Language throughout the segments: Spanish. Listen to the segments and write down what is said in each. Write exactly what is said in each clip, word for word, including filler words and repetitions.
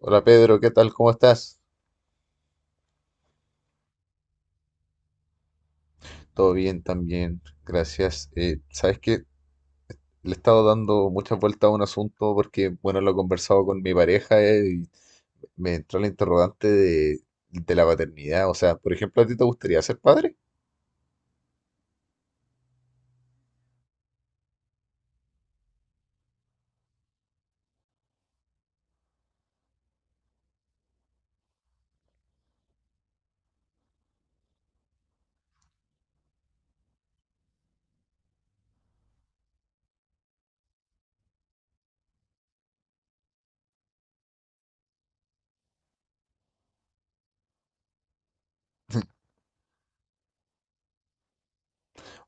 Hola Pedro, ¿qué tal? ¿Cómo estás? Todo bien también, gracias. Eh, sabes que le he estado dando muchas vueltas a un asunto porque, bueno, lo he conversado con mi pareja eh, y me entró la interrogante de, de la paternidad. O sea, por ejemplo, ¿a ti te gustaría ser padre?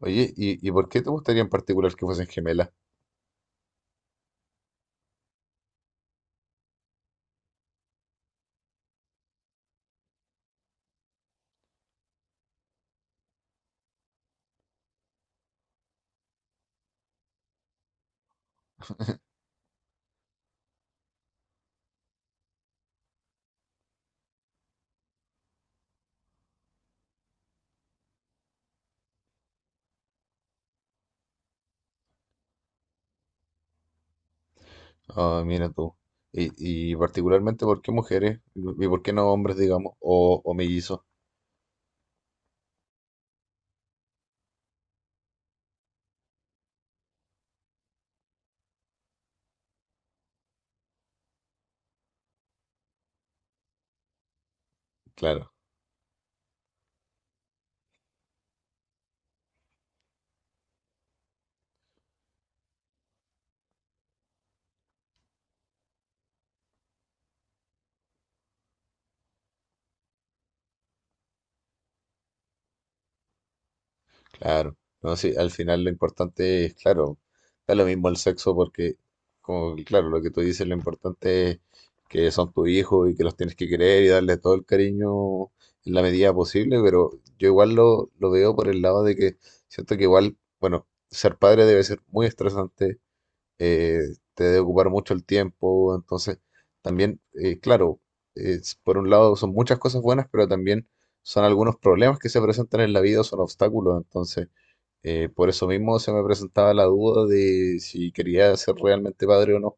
Oye, ¿y, y por qué te gustaría en particular que fuesen gemelas? Ah, mira tú. Y, y particularmente, ¿por qué mujeres? ¿Y por qué no hombres, digamos? O, o mellizos, claro. Claro, no, sí, al final lo importante es, claro, da lo mismo el sexo porque, como, que, claro, lo que tú dices, lo importante es que son tus hijos y que los tienes que querer y darle todo el cariño en la medida posible, pero yo igual lo, lo veo por el lado de que siento que igual, bueno, ser padre debe ser muy estresante, eh, te debe ocupar mucho el tiempo, entonces también, eh, claro, es- por un lado son muchas cosas buenas, pero también son algunos problemas que se presentan en la vida, son obstáculos, entonces eh, por eso mismo se me presentaba la duda de si quería ser realmente padre o no.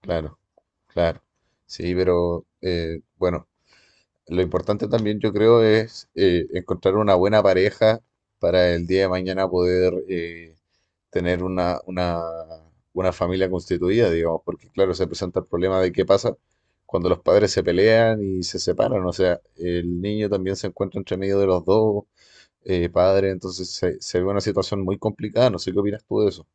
Claro, claro, sí, pero eh, bueno. Lo importante también, yo creo, es eh, encontrar una buena pareja para el día de mañana poder eh, tener una, una, una familia constituida, digamos, porque claro, se presenta el problema de qué pasa cuando los padres se pelean y se separan, o sea, el niño también se encuentra entre medio de los dos eh, padres, entonces se, se ve una situación muy complicada, no sé qué opinas tú de eso.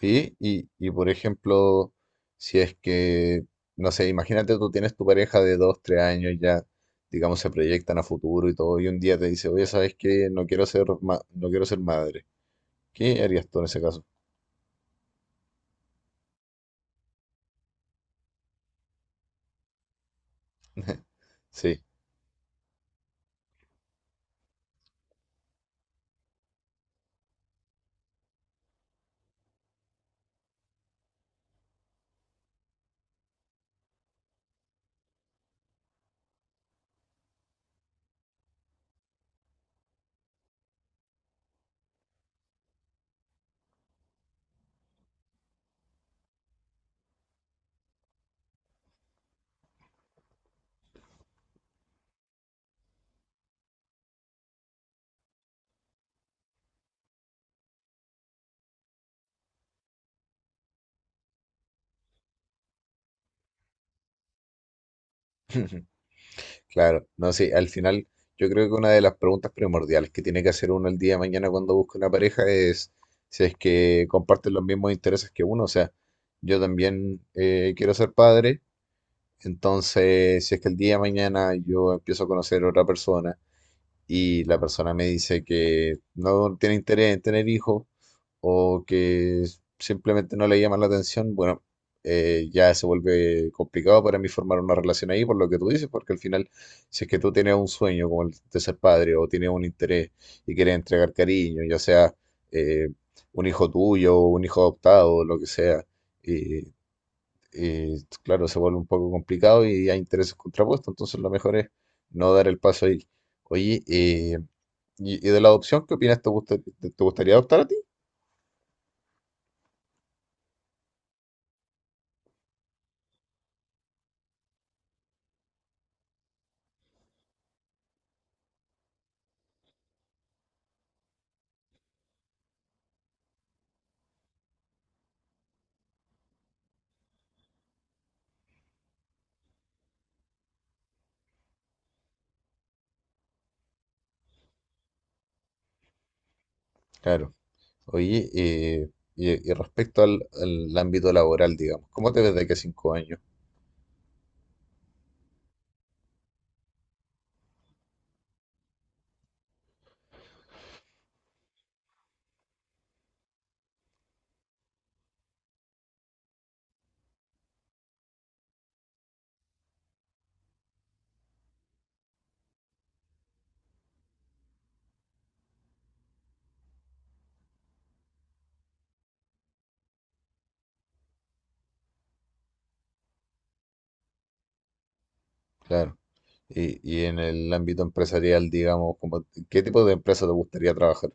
Sí y, y por ejemplo, si es que, no sé, imagínate, tú tienes tu pareja de dos, tres años ya, digamos, se proyectan a futuro y todo, y un día te dice, oye, ¿sabes qué? No quiero ser, ma- no quiero ser madre. ¿Qué harías tú en ese caso? Sí, claro, no sé, al final yo creo que una de las preguntas primordiales que tiene que hacer uno el día de mañana cuando busca una pareja es si es que comparten los mismos intereses que uno, o sea, yo también eh, quiero ser padre. Entonces, si es que el día de mañana yo empiezo a conocer a otra persona y la persona me dice que no tiene interés en tener hijos o que simplemente no le llama la atención, bueno, eh, ya se vuelve complicado para mí formar una relación ahí por lo que tú dices, porque al final, si es que tú tienes un sueño como el de ser padre o tienes un interés y quieres entregar cariño, ya sea eh, un hijo tuyo o un hijo adoptado, o lo que sea. eh, eh, claro, se vuelve un poco complicado y hay intereses contrapuestos, entonces lo mejor es no dar el paso ahí. Oye, eh, y, y de la adopción, ¿qué opinas? ¿Te gusta- te, te gustaría adoptar a ti? Claro. Oye, eh, y, y respecto al, al ámbito laboral, digamos, ¿cómo te ves de aquí a cinco años? Claro. Y, y en el ámbito empresarial, digamos, como, ¿qué tipo de empresa te gustaría trabajar?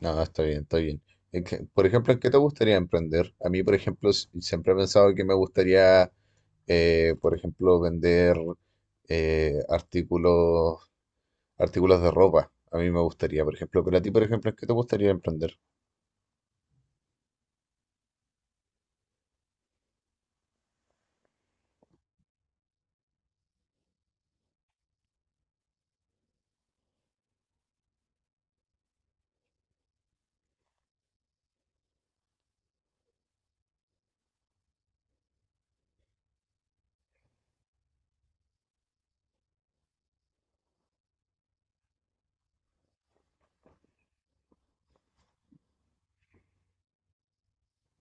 No, no, está bien, está bien. Es que, por ejemplo, ¿en qué te gustaría emprender? A mí, por ejemplo, s- siempre he pensado que me gustaría, eh, por ejemplo, vender eh, artículos, artículos, de ropa. A mí me gustaría, por ejemplo, pero a ti, por ejemplo, ¿en qué te gustaría emprender?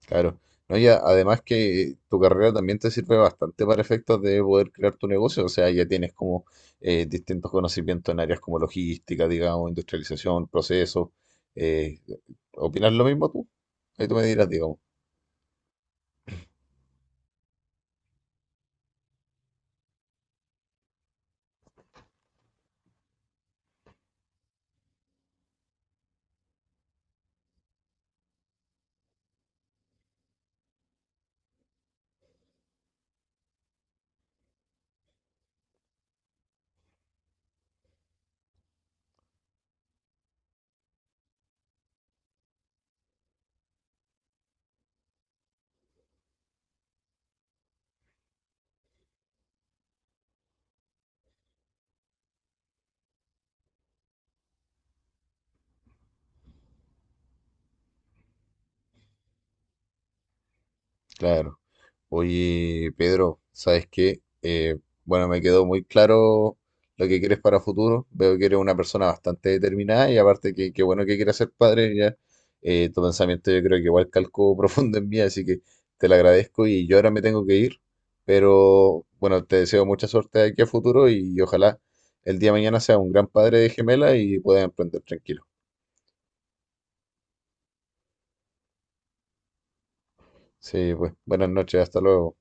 Claro. No, ya, además que tu carrera también te sirve bastante para efectos de poder crear tu negocio. O sea, ya tienes como eh, distintos conocimientos en áreas como logística, digamos, industrialización, procesos. Eh, ¿Opinas lo mismo tú? Ahí tú me dirás, digamos. Claro. Oye, Pedro, ¿sabes qué? Eh, bueno, me quedó muy claro lo que quieres para futuro. Veo que eres una persona bastante determinada y aparte que qué bueno que quieras ser padre ya. Eh, tu pensamiento yo creo que igual calcó profundo en mí, así que te lo agradezco y yo ahora me tengo que ir. Pero bueno, te deseo mucha suerte de aquí a futuro y ojalá el día de mañana seas un gran padre de gemela y puedas emprender tranquilo. Sí, pues buenas noches, hasta luego.